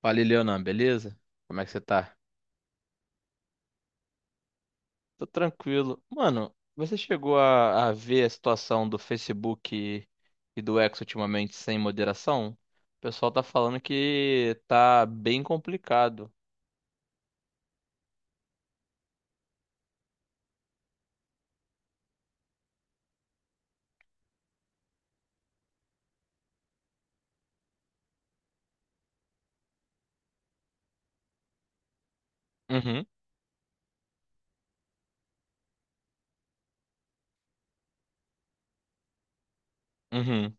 Fala, Leonan, beleza? Como é que você tá? Tô tranquilo. Mano, você chegou a ver a situação do Facebook e do X ultimamente sem moderação? O pessoal tá falando que tá bem complicado. Uhum. Uhum.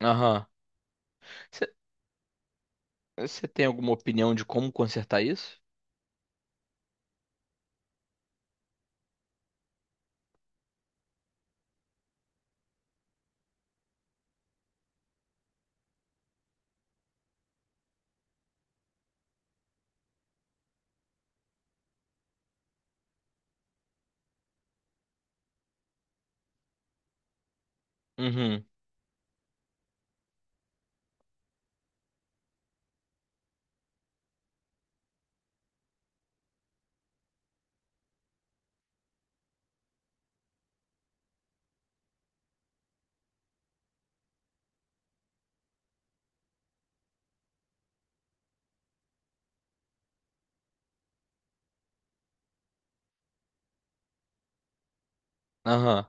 Aham. Você tem alguma opinião de como consertar isso? Uhum. Aham.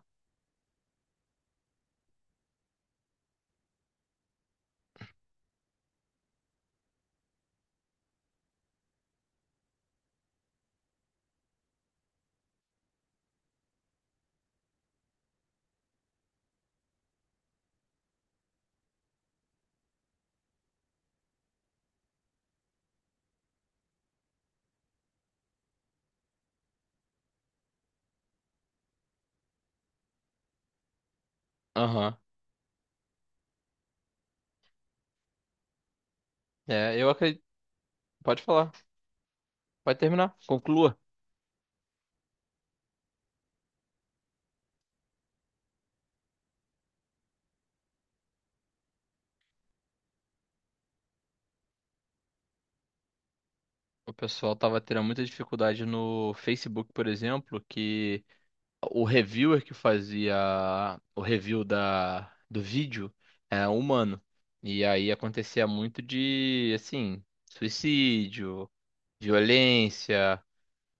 Aham. É, eu acredito. Pode falar, pode terminar, conclua. O pessoal tava tendo muita dificuldade no Facebook, por exemplo. Que. O reviewer que fazia o review da, do vídeo era um humano. E aí acontecia muito de, assim, suicídio, violência,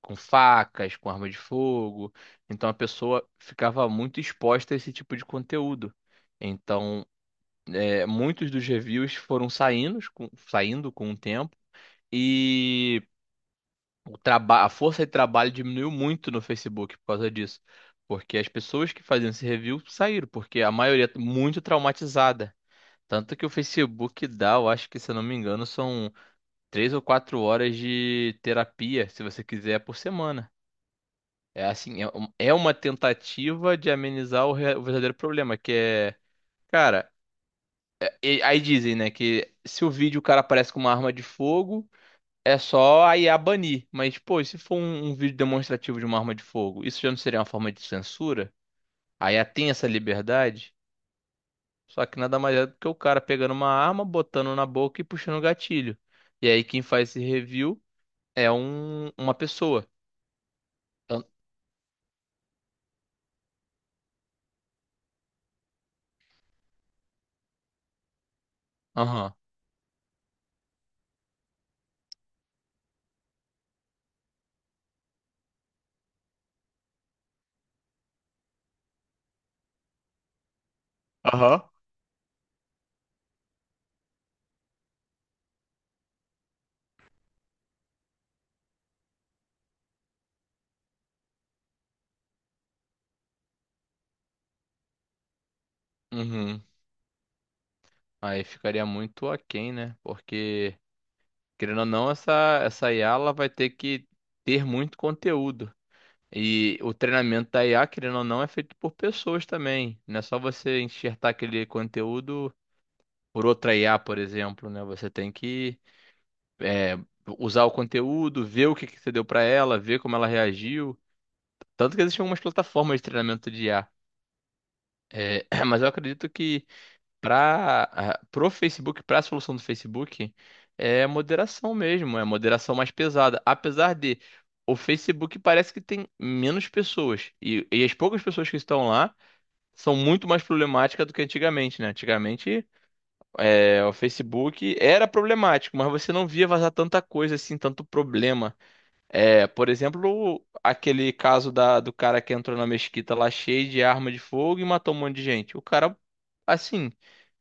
com facas, com arma de fogo. Então a pessoa ficava muito exposta a esse tipo de conteúdo. Então, é, muitos dos reviews foram saindo com o tempo. E o traba a força de trabalho diminuiu muito no Facebook por causa disso. Porque as pessoas que faziam esse review saíram, porque a maioria tá muito traumatizada. Tanto que o Facebook dá, eu acho que, se eu não me engano, são 3 ou 4 horas de terapia, se você quiser, por semana. É assim, é uma tentativa de amenizar o verdadeiro problema, que é, cara, aí dizem, né, que se o vídeo o cara aparece com uma arma de fogo, é só a IA banir. Mas, pô, e se for um vídeo demonstrativo de uma arma de fogo, isso já não seria uma forma de censura? A IA tem essa liberdade? Só que nada mais é do que o cara pegando uma arma, botando na boca e puxando o gatilho. E aí quem faz esse review é um, uma pessoa. Então, aham. Aham. Uhum. Aí ficaria muito aquém, né? Porque, querendo ou não, essa IA ela vai ter que ter muito conteúdo. E o treinamento da IA, querendo ou não, é feito por pessoas também. Não é só você enxertar aquele conteúdo por outra IA, por exemplo, né? Você tem que é, usar o conteúdo, ver o que que você deu para ela, ver como ela reagiu. Tanto que existem algumas plataformas de treinamento de IA. É, mas eu acredito que para pro Facebook, para a solução do Facebook, é moderação mesmo, é moderação mais pesada. Apesar de o Facebook parece que tem menos pessoas. E as poucas pessoas que estão lá são muito mais problemáticas do que antigamente, né? Antigamente, é, o Facebook era problemático, mas você não via vazar tanta coisa assim, tanto problema. É, por exemplo, aquele caso da, do cara que entrou na mesquita lá cheio de arma de fogo e matou um monte de gente. O cara, assim,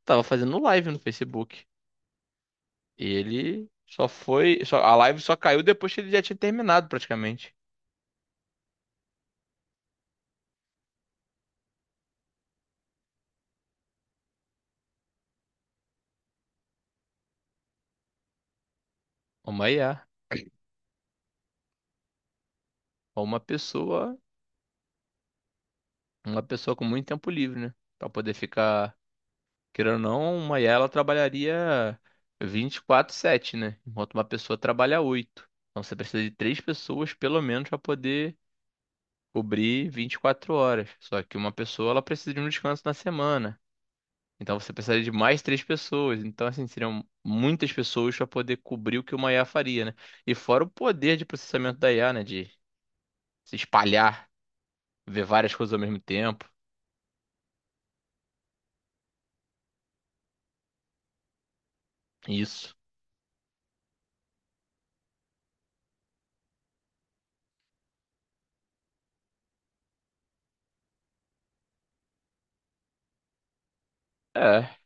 tava fazendo live no Facebook. E ele só foi. A live só caiu depois que ele já tinha terminado, praticamente. Uma IA. Ou uma pessoa. Uma pessoa com muito tempo livre, né? Pra poder ficar. Querendo ou não, uma IA ela trabalharia 24/7, né? Enquanto uma pessoa trabalha 8. Então você precisa de três pessoas pelo menos para poder cobrir 24 horas. Só que uma pessoa ela precisa de um descanso na semana. Então você precisaria de mais três pessoas. Então assim, seriam muitas pessoas para poder cobrir o que uma IA faria, né? E fora o poder de processamento da IA, né, de se espalhar, ver várias coisas ao mesmo tempo. Isso. É.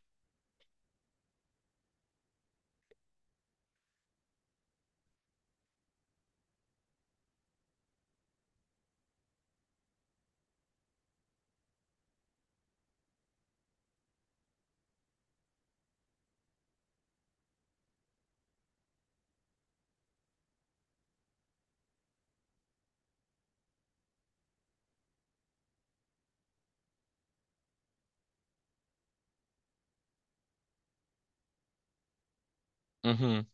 Uhum.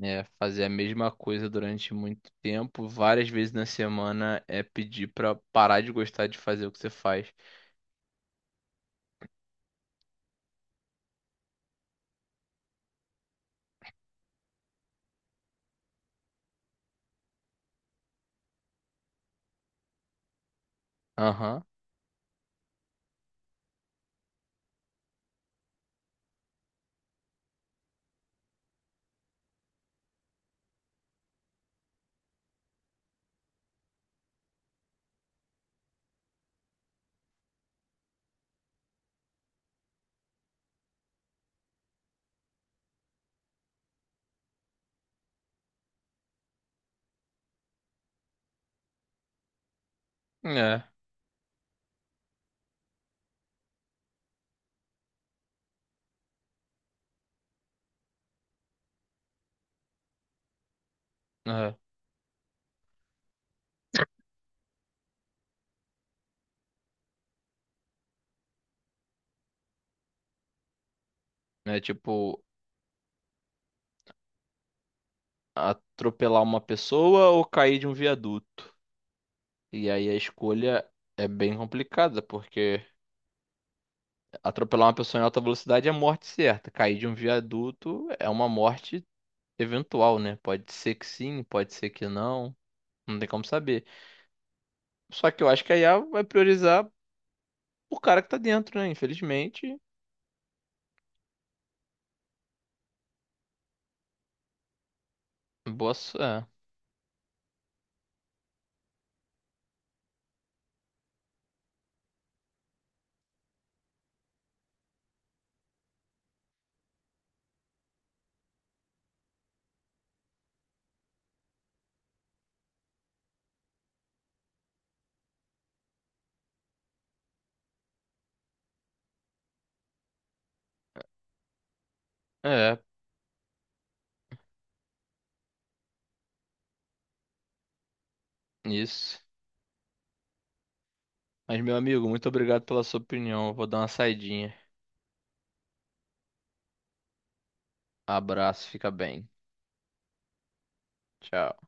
É, fazer a mesma coisa durante muito tempo, várias vezes na semana, é pedir pra parar de gostar de fazer o que você faz. Aham. É, é. É tipo atropelar uma pessoa ou cair de um viaduto. E aí a escolha é bem complicada, porque atropelar uma pessoa em alta velocidade é morte certa. Cair de um viaduto é uma morte eventual, né? Pode ser que sim, pode ser que não. Não tem como saber. Só que eu acho que a IA vai priorizar o cara que tá dentro, né? Infelizmente. Boa. É, é, isso. Mas, meu amigo, muito obrigado pela sua opinião. Eu vou dar uma saidinha. Abraço, fica bem. Tchau.